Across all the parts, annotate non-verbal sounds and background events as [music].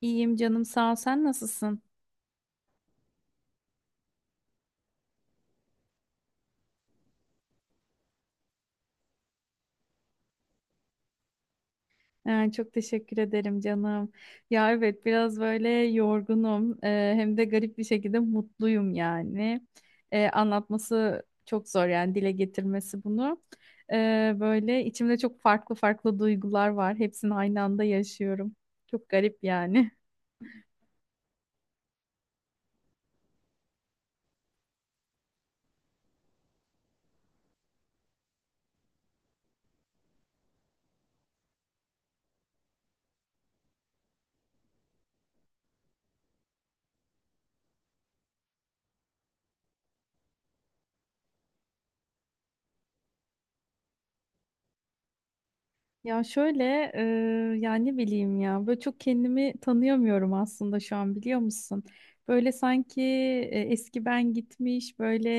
İyiyim canım sağ ol. Sen nasılsın? Çok teşekkür ederim canım. Ya evet biraz böyle yorgunum. Hem de garip bir şekilde mutluyum yani. Anlatması çok zor yani dile getirmesi bunu. Böyle içimde çok farklı farklı duygular var. Hepsini aynı anda yaşıyorum. Çok garip yani. Ya şöyle e, yani ne bileyim ya böyle çok kendimi tanıyamıyorum aslında şu an biliyor musun? Böyle sanki eski ben gitmiş böyle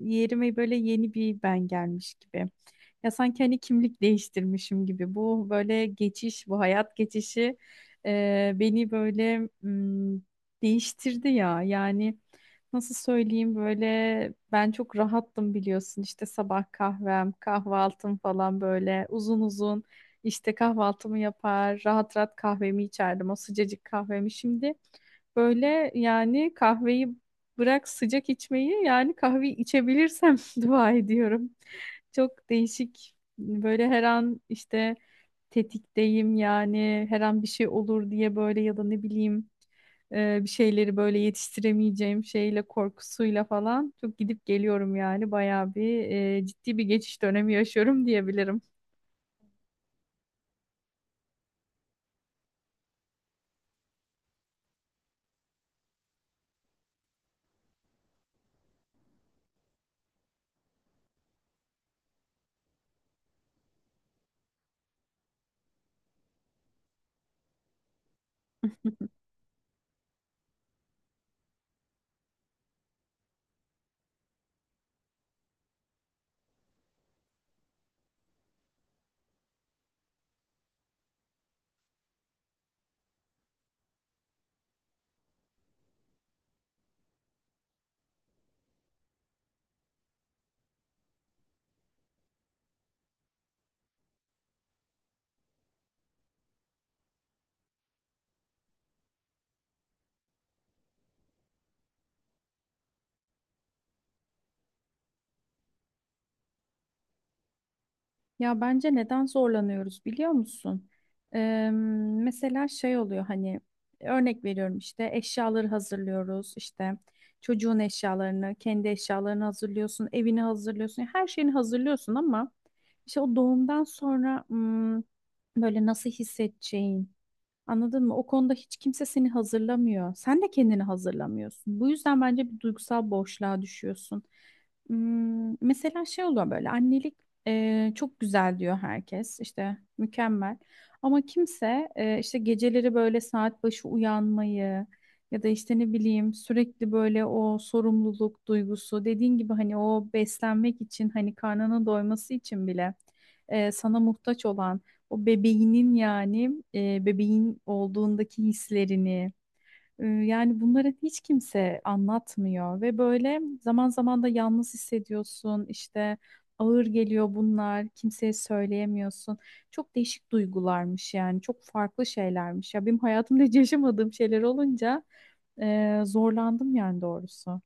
yerime böyle yeni bir ben gelmiş gibi. Ya sanki hani kimlik değiştirmişim gibi. Bu böyle geçiş bu hayat geçişi beni böyle değiştirdi ya yani. Nasıl söyleyeyim böyle ben çok rahattım biliyorsun işte sabah kahvem, kahvaltım falan böyle uzun uzun. İşte kahvaltımı yapar, rahat rahat kahvemi içerdim. O sıcacık kahvemi şimdi böyle yani kahveyi bırak sıcak içmeyi yani kahve içebilirsem [laughs] dua ediyorum. Çok değişik böyle her an işte tetikteyim yani her an bir şey olur diye böyle ya da ne bileyim bir şeyleri böyle yetiştiremeyeceğim şeyle korkusuyla falan çok gidip geliyorum yani bayağı bir ciddi bir geçiş dönemi yaşıyorum diyebilirim. Ya bence neden zorlanıyoruz biliyor musun? Eee, Mesela şey oluyor hani örnek veriyorum işte eşyaları hazırlıyoruz işte çocuğun eşyalarını, kendi eşyalarını hazırlıyorsun, evini hazırlıyorsun, her şeyini hazırlıyorsun ama işte o doğumdan sonra böyle nasıl hissedeceğin, anladın mı? O konuda hiç kimse seni hazırlamıyor. Sen de kendini hazırlamıyorsun. Bu yüzden bence bir duygusal boşluğa düşüyorsun. Mesela şey oluyor böyle annelik çok güzel diyor herkes işte mükemmel. Ama kimse işte geceleri böyle saat başı uyanmayı ya da işte ne bileyim sürekli böyle o sorumluluk duygusu dediğin gibi hani o beslenmek için hani karnının doyması için bile sana muhtaç olan o bebeğinin yani bebeğin olduğundaki hislerini yani bunları hiç kimse anlatmıyor ve böyle zaman zaman da yalnız hissediyorsun işte ağır geliyor bunlar kimseye söyleyemiyorsun. Çok değişik duygularmış yani çok farklı şeylermiş ya benim hayatımda hiç yaşamadığım şeyler olunca zorlandım yani doğrusu.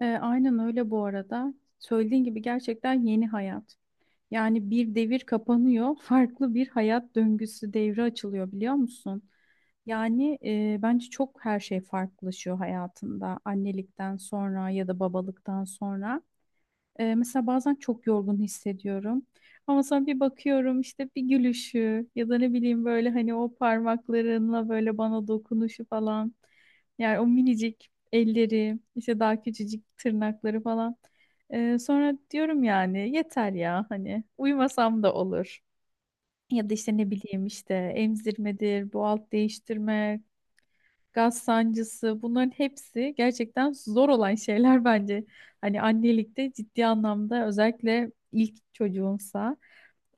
Aynen öyle bu arada söylediğin gibi gerçekten yeni hayat. Yani bir devir kapanıyor, farklı bir hayat döngüsü devre açılıyor biliyor musun? Yani bence çok her şey farklılaşıyor hayatında annelikten sonra ya da babalıktan sonra. Mesela bazen çok yorgun hissediyorum. Ama sonra bir bakıyorum işte bir gülüşü ya da ne bileyim böyle hani o parmaklarınla böyle bana dokunuşu falan. Yani o minicik elleri, işte daha küçücük tırnakları falan. Sonra diyorum yani yeter ya hani uyumasam da olur. Ya da işte ne bileyim işte emzirmedir, bu alt değiştirme, gaz sancısı bunların hepsi gerçekten zor olan şeyler [laughs] bence. Hani annelikte ciddi anlamda özellikle ilk çocuğumsa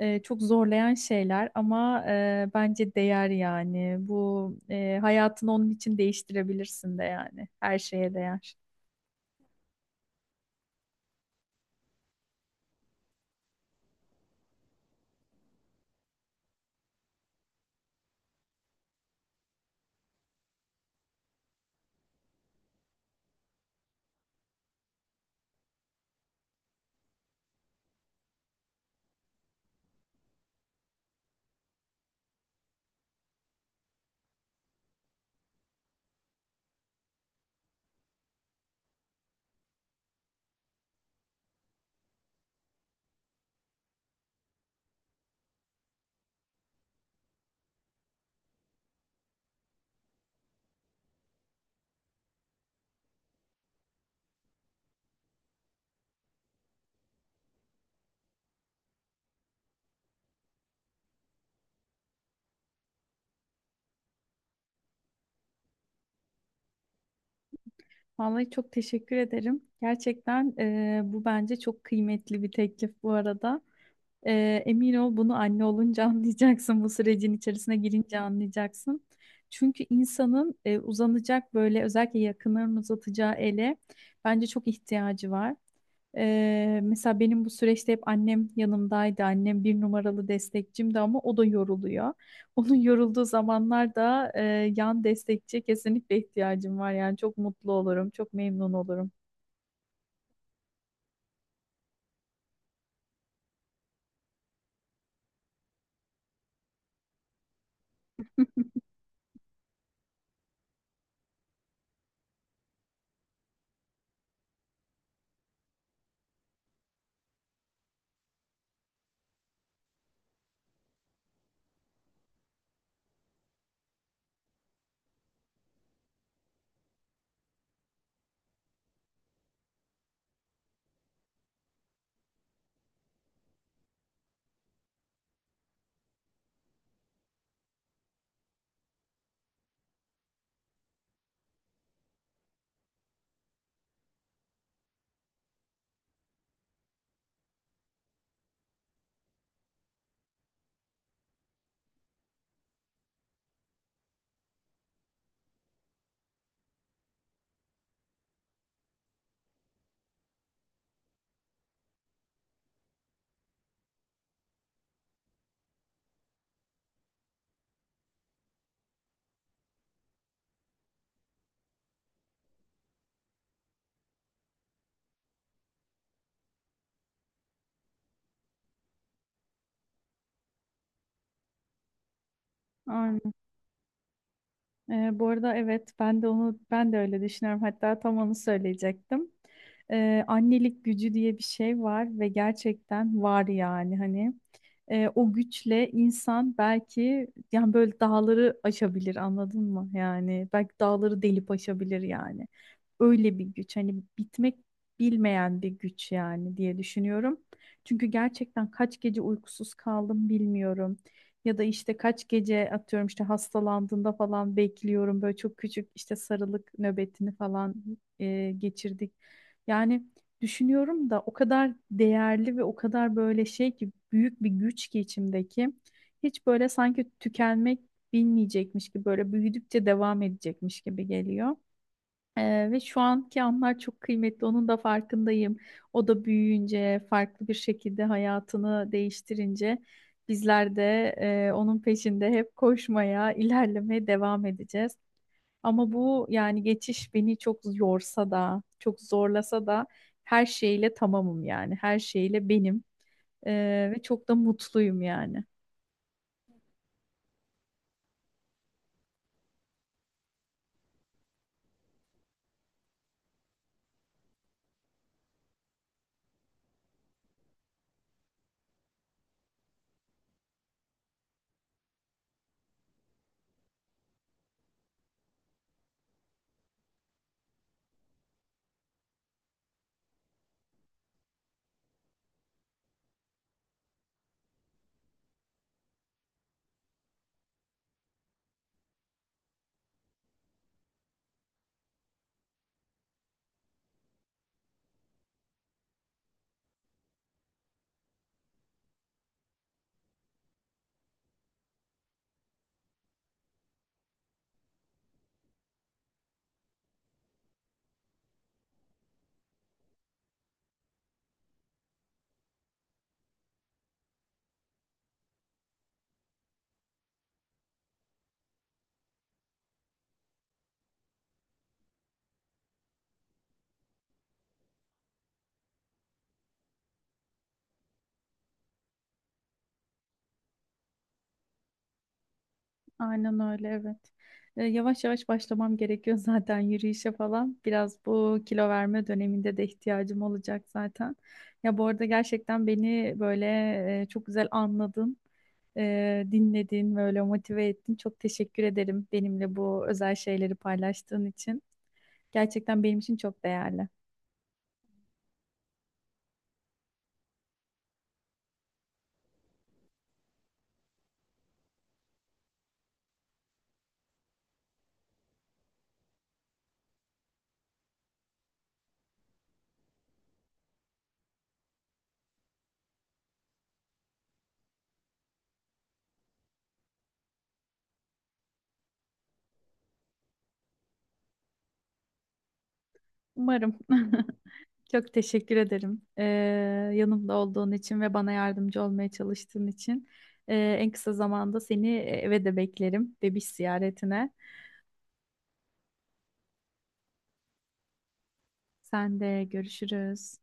çok zorlayan şeyler ama bence değer yani. Bu hayatını onun için değiştirebilirsin de yani. Her şeye değer. Vallahi çok teşekkür ederim. Gerçekten bu bence çok kıymetli bir teklif bu arada. Emin ol bunu anne olunca [laughs] anlayacaksın. Bu sürecin içerisine girince anlayacaksın. Çünkü insanın uzanacak böyle özellikle yakınlarını uzatacağı ele bence çok ihtiyacı var. Mesela benim bu süreçte hep annem yanımdaydı. Annem bir numaralı destekçimdi ama o da yoruluyor. [laughs] Onun yorulduğu zamanlarda yan destekçiye kesinlikle ihtiyacım var. Yani çok mutlu olurum, çok memnun olurum. Aynen. Bu arada evet ben de onu ben de öyle düşünüyorum. Hatta tam onu söyleyecektim. Annelik gücü diye bir şey var ve gerçekten var yani hani. O güçle insan belki yani böyle dağları aşabilir anladın mı? Yani belki dağları delip aşabilir yani. Öyle bir güç hani bitmek bilmeyen bir güç yani diye düşünüyorum. Çünkü gerçekten kaç gece uykusuz kaldım bilmiyorum. Ya da işte kaç gece atıyorum işte hastalandığında falan bekliyorum. Böyle çok küçük işte sarılık nöbetini falan geçirdik. Yani düşünüyorum da o kadar değerli ve o kadar böyle şey ki büyük bir güç ki içimdeki. Hiç böyle sanki tükenmek bilmeyecekmiş gibi böyle büyüdükçe devam edecekmiş gibi geliyor. Ve şu anki anlar çok kıymetli. Onun da farkındayım. O da büyüyünce, farklı bir şekilde hayatını değiştirince bizler de onun peşinde hep koşmaya, ilerlemeye devam edeceğiz. Ama bu yani geçiş beni çok yorsa da, çok zorlasa da her şeyle tamamım yani. Her şeyle benim. Ve çok da mutluyum yani. Aynen öyle, evet. Yavaş yavaş başlamam gerekiyor [laughs] zaten yürüyüşe falan. Biraz bu kilo verme döneminde de ihtiyacım olacak zaten. Ya bu arada gerçekten beni böyle çok güzel anladın, dinledin, böyle motive ettin. Çok teşekkür ederim benimle bu özel şeyleri paylaştığın için. Gerçekten benim için çok değerli. Umarım. [laughs] Çok teşekkür ederim. Yanımda olduğun için ve bana yardımcı olmaya çalıştığın için. Ee, En kısa zamanda seni eve de beklerim. Bebiş ziyaretine. Sen de görüşürüz.